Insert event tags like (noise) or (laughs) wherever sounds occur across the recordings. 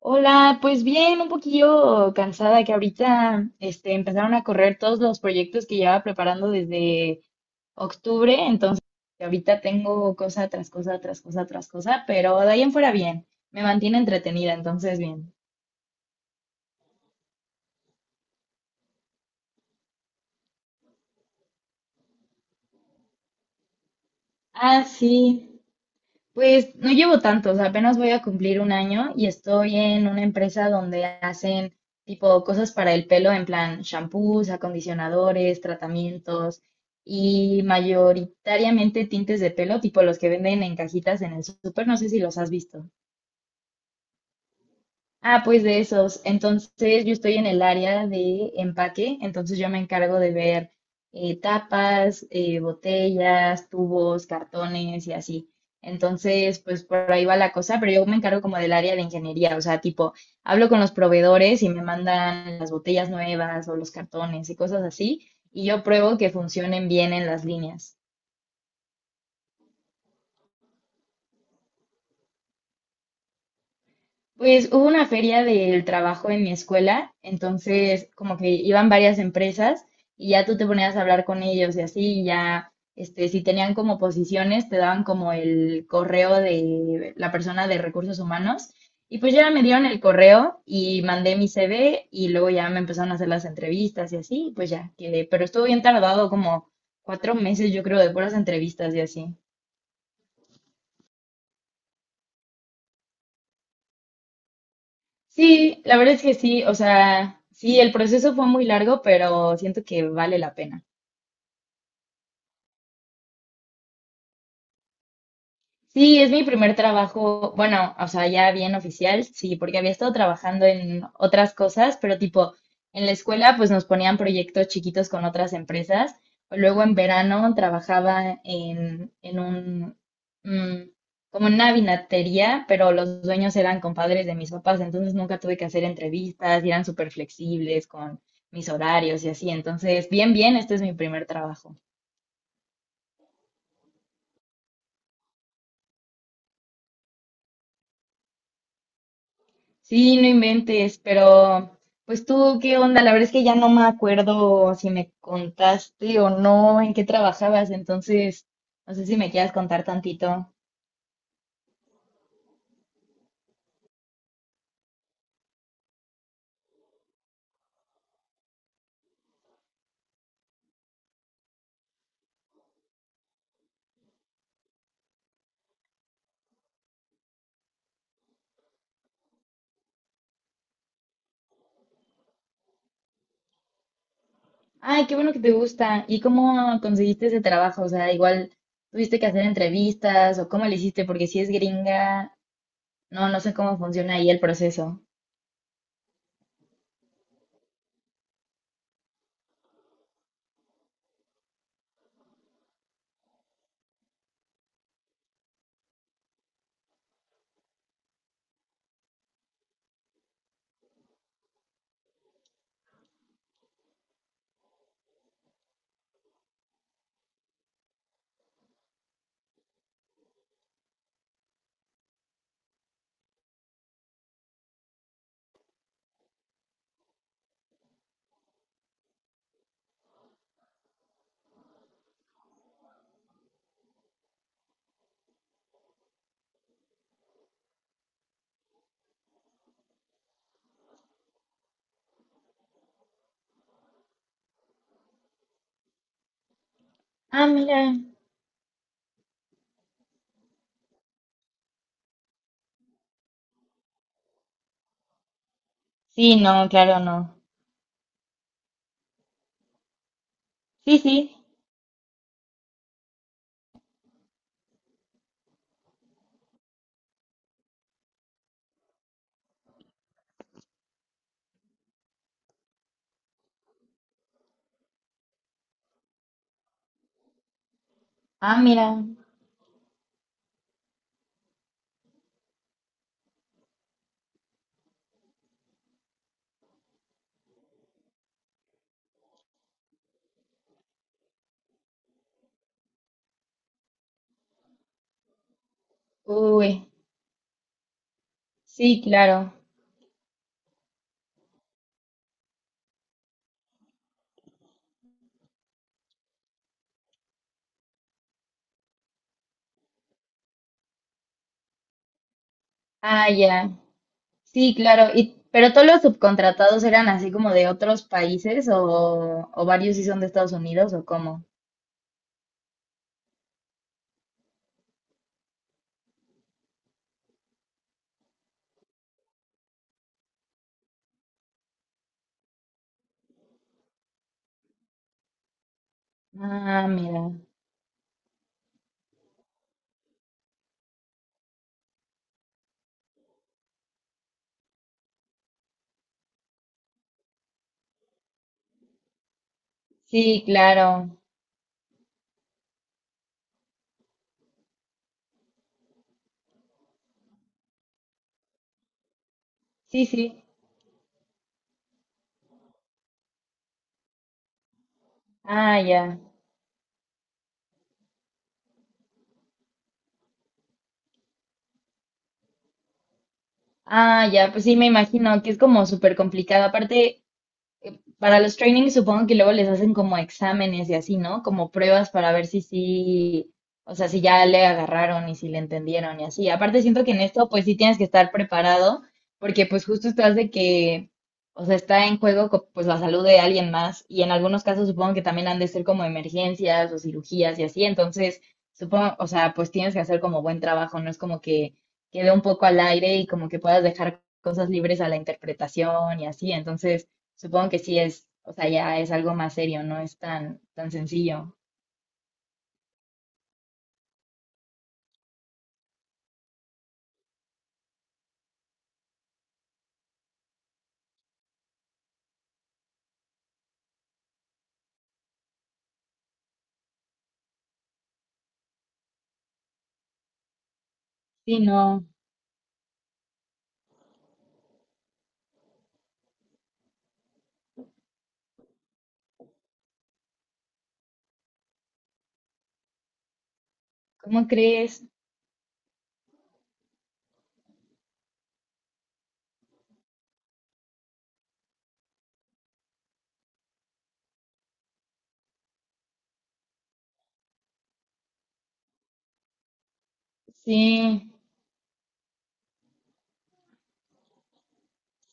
Hola, pues bien, un poquillo cansada que ahorita empezaron a correr todos los proyectos que llevaba preparando desde octubre. Entonces ahorita tengo cosa tras cosa, tras cosa, tras cosa, pero de ahí en fuera bien, me mantiene entretenida, entonces bien. Ah, sí. Pues no llevo tantos, apenas voy a cumplir un año y estoy en una empresa donde hacen tipo cosas para el pelo, en plan shampoos, acondicionadores, tratamientos y mayoritariamente tintes de pelo, tipo los que venden en cajitas en el súper, no sé si los has visto. Ah, pues de esos. Entonces yo estoy en el área de empaque, entonces yo me encargo de ver tapas, botellas, tubos, cartones y así. Entonces, pues por ahí va la cosa, pero yo me encargo como del área de ingeniería, o sea, tipo, hablo con los proveedores y me mandan las botellas nuevas o los cartones y cosas así, y yo pruebo que funcionen bien en las líneas. Pues hubo una feria del trabajo en mi escuela, entonces como que iban varias empresas y ya tú te ponías a hablar con ellos y así y ya, este, si tenían como posiciones, te daban como el correo de la persona de recursos humanos. Y pues ya me dieron el correo y mandé mi CV y luego ya me empezaron a hacer las entrevistas y así, y pues ya quedé. Pero estuvo bien tardado, como cuatro meses yo creo de puras entrevistas y así. Sí, la verdad es que sí, o sea, sí, el proceso fue muy largo, pero siento que vale la pena. Sí, es mi primer trabajo, bueno, o sea, ya bien oficial, sí, porque había estado trabajando en otras cosas, pero tipo, en la escuela pues nos ponían proyectos chiquitos con otras empresas. Luego en verano trabajaba mm, como en una vinatería, pero los dueños eran compadres de mis papás, entonces nunca tuve que hacer entrevistas y eran súper flexibles con mis horarios y así. Entonces, bien, bien, este es mi primer trabajo. Sí, no inventes, pero pues tú, ¿qué onda? La verdad es que ya no me acuerdo si me contaste o no en qué trabajabas, entonces no sé si me quieras contar tantito. Ay, qué bueno que te gusta. ¿Y cómo conseguiste ese trabajo? O sea, igual tuviste que hacer entrevistas o cómo le hiciste, porque si es gringa, no sé cómo funciona ahí el proceso. Ah, mira. Sí, no, claro, no. Sí, sí. Ah, mira. Uy, sí, claro. Ah, ya. Sí, claro. Y, pero todos los subcontratados eran así como de otros países o varios sí son de Estados Unidos o cómo. Ah, mira. Sí, claro. Sí, sí. Ah, ya. Ah, ya. Pues sí, me imagino que es como súper complicado. Aparte, para los trainings supongo que luego les hacen como exámenes y así, ¿no? Como pruebas para ver si sí, o sea, si ya le agarraron y si le entendieron y así. Aparte siento que en esto pues sí tienes que estar preparado porque pues justo estás de que, o sea, está en juego co- pues la salud de alguien más y en algunos casos supongo que también han de ser como emergencias o cirugías y así. Entonces, supongo, o sea, pues tienes que hacer como buen trabajo, no es como que quede un poco al aire y como que puedas dejar cosas libres a la interpretación y así. Entonces... Supongo que sí es, o sea, ya es algo más serio, no es tan sencillo. Sí, no. ¿Cómo crees? Sí,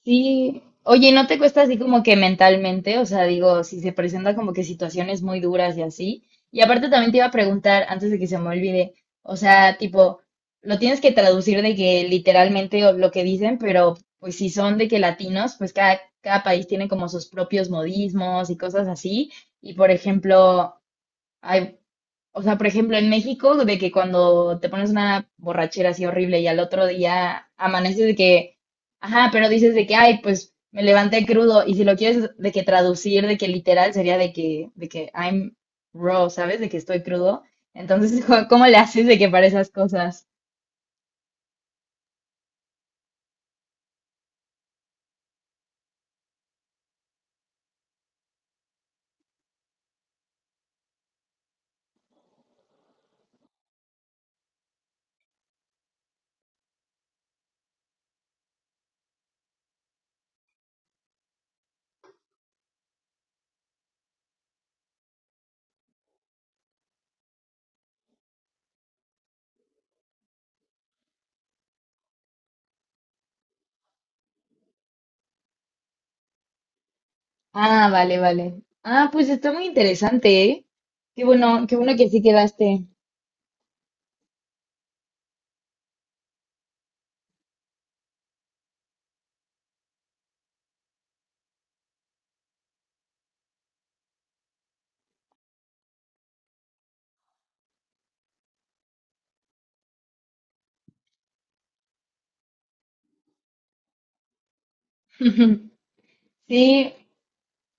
sí. Oye, ¿no te cuesta así como que mentalmente? O sea, digo, si se presenta como que situaciones muy duras y así. Y aparte también te iba a preguntar, antes de que se me olvide, o sea, tipo, lo tienes que traducir de que literalmente o lo que dicen, pero pues si son de que latinos, pues cada país tiene como sus propios modismos y cosas así. Y por ejemplo, hay, o sea, por ejemplo, en México, de que cuando te pones una borrachera así horrible y al otro día amaneces de que, ajá, pero dices de que, ay, pues me levanté crudo. Y si lo quieres de que traducir, de que literal sería de que I'm raw, ¿sabes? De que estoy crudo. Entonces, (laughs) ¿cómo le haces de que para esas cosas? Ah, vale, vale. Ah, pues está muy interesante, ¿eh? Qué bueno que sí quedaste. (laughs) Sí,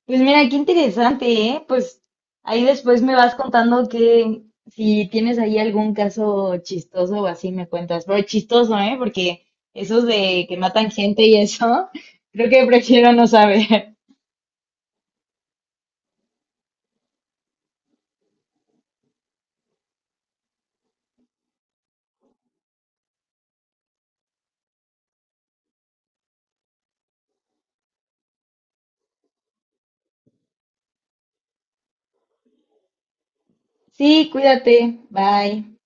pues mira, qué interesante, ¿eh? Pues ahí después me vas contando que si tienes ahí algún caso chistoso o así me cuentas. Pero chistoso, ¿eh? Porque esos de que matan gente y eso, (laughs) creo que prefiero no saber. Sí, cuídate. Bye.